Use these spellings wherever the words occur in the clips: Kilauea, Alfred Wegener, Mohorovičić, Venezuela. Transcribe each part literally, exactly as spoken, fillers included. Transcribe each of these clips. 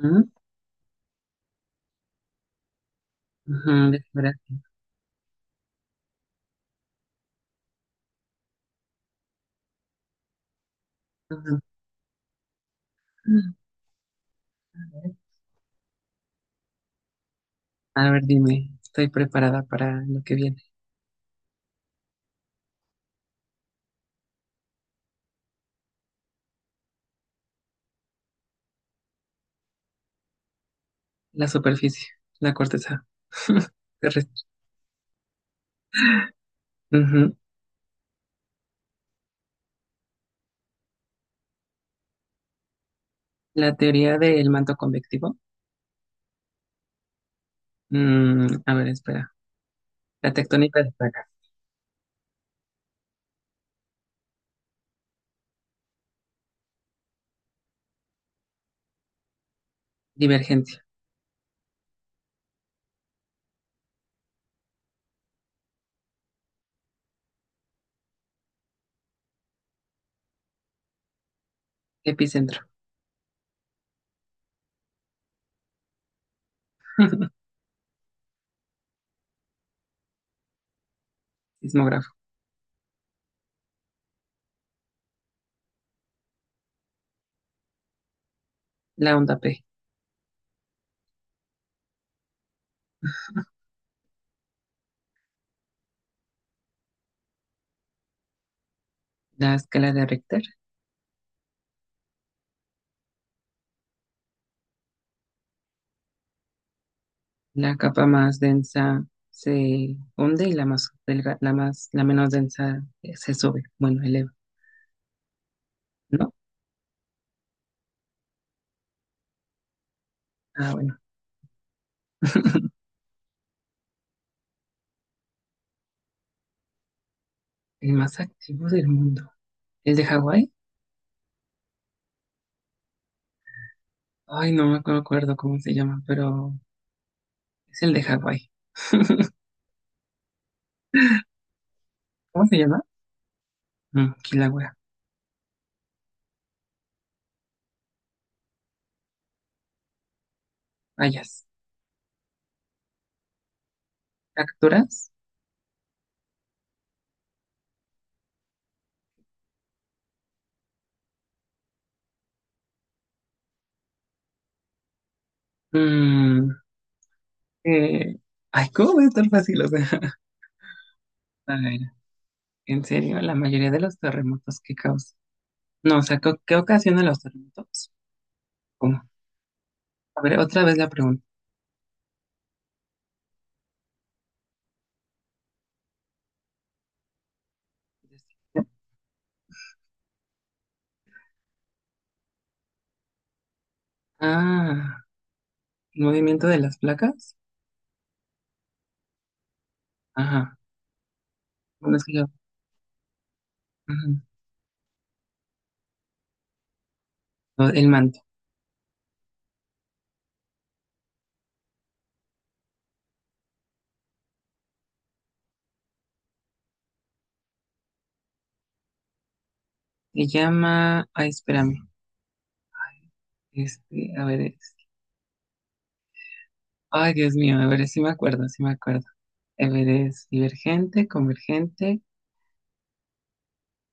Ujú, ujú, desgracia. A ver, dime, estoy preparada para lo que viene. La superficie, la corteza terrestre. Ujú. La teoría del manto convectivo. Mm, a ver, espera. La tectónica de placas. Divergencia. Epicentro. Sismógrafo. La onda P. La escala de Richter. La capa más densa se hunde y la más delga- la más, la menos densa eh, se sube. Bueno, eleva, ¿no? Ah, bueno. El más activo del mundo. ¿El de Hawái? Ay, no me acu- acuerdo cómo se llama, pero es el de Hawái. ¿Cómo se llama? Mm, Kilauea. Hayas. ¿Capturas? Mm, eh, ay, ¿cómo va a estar fácil? O sea, a ver, en serio, la mayoría de los terremotos que causan. No, o sea, ¿qué, qué ocasiona los terremotos? ¿Cómo? A ver, otra vez la pregunta. Ah, el movimiento de las placas. Ajá. Bueno, es que yo. Ujú. No, el manto. Se llama. Ay, espérame. Este, a ver, ay, Dios mío, a ver, sí me acuerdo, sí me acuerdo. A es divergente, convergente.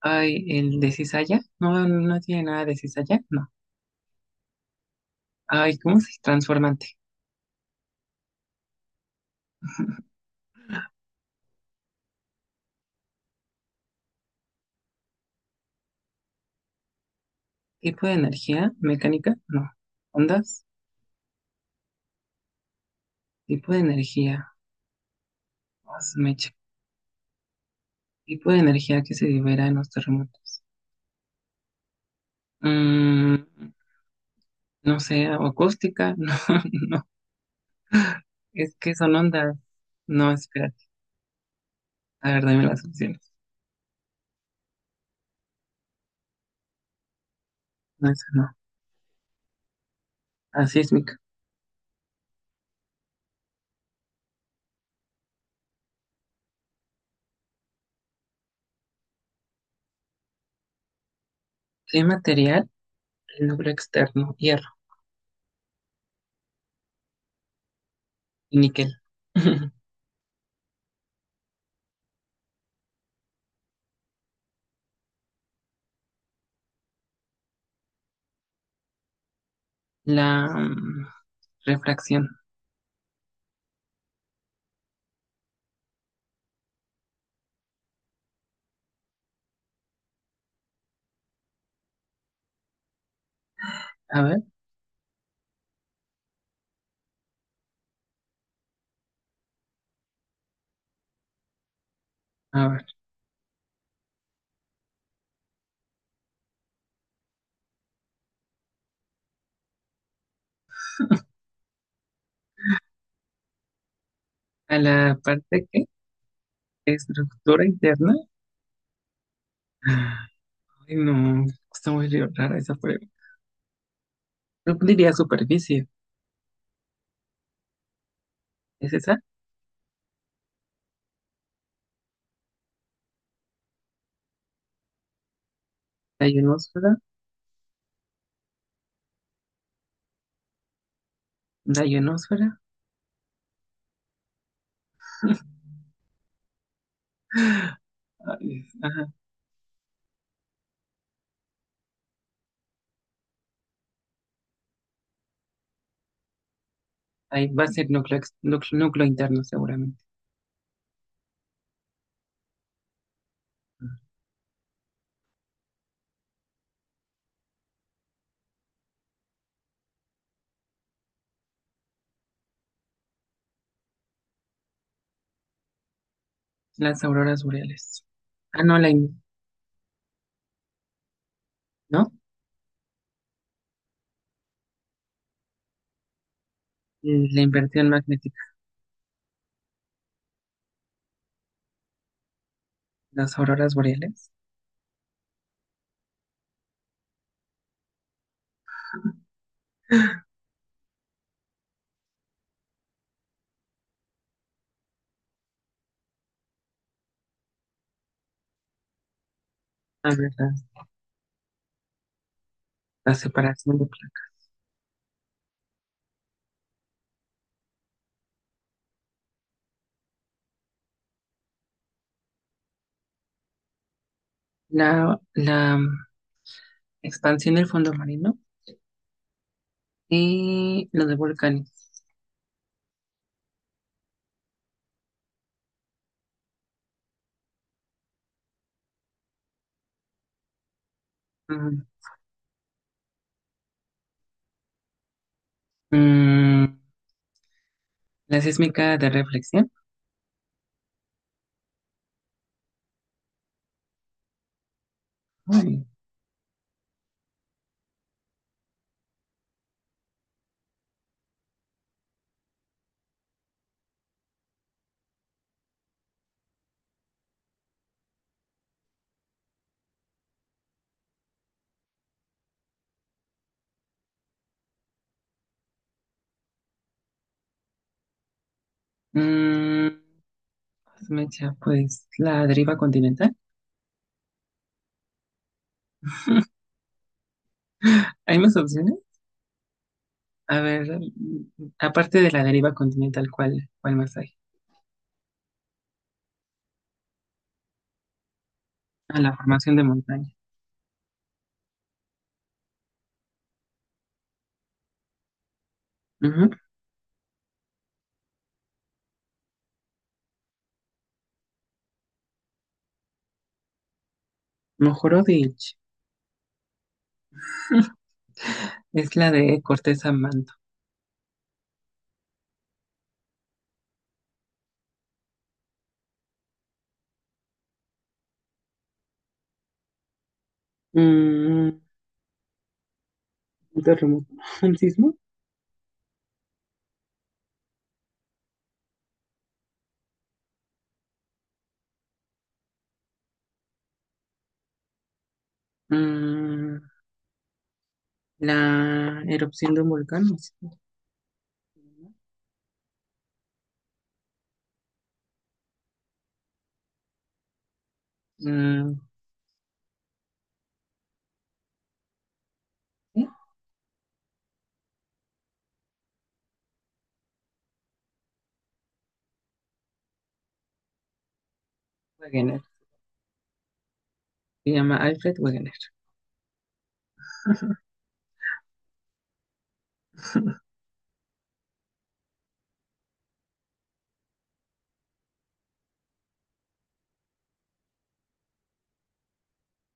Ay, el de cizalla. No, no tiene nada de cizalla, no. Ay, ¿cómo se transformante? ¿Tipo de energía? ¿Mecánica? No. ¿Ondas? ¿Tipo de energía? Ah, su mecha. ¿Tipo de energía que se libera en los terremotos? Mm, no sé, ¿o acústica? No, no. Es que son ondas. No, espérate. A ver, dame las opciones. No, esa no. Asísmica. ¿Qué material logro externo? Hierro y níquel. La mm, refracción. A ver, a ver. A la parte que estructura interna. Ay, no, está muy rara esa prueba. Yo diría superficie. ¿Es esa? La ionosfera. La ionosfera. Ay, ajá. Ahí va a ser núcleo, ex- núcleo, núcleo interno seguramente. Las auroras boreales. Ah, no, la, in- ¿no? La inversión magnética. Las auroras boreales. A ver, la separación de placas, la, la expansión del fondo marino y lo de volcanes. Ujú. Mm, la sísmica de reflexión. Ay. Mm, mecha, pues la deriva continental. ¿Hay más opciones? A ver, mm, aparte de la deriva continental, ¿cuál, cuál más hay? Ah, la formación de montaña. Ujú. Mojorovic. Es la de corteza manto. Mm, un terremoto. ¿Un sismo? Mm, La erupción de un volcán. No sé se llama. Mm, ¿sí? Wegener. Se llama Alfred Wegener.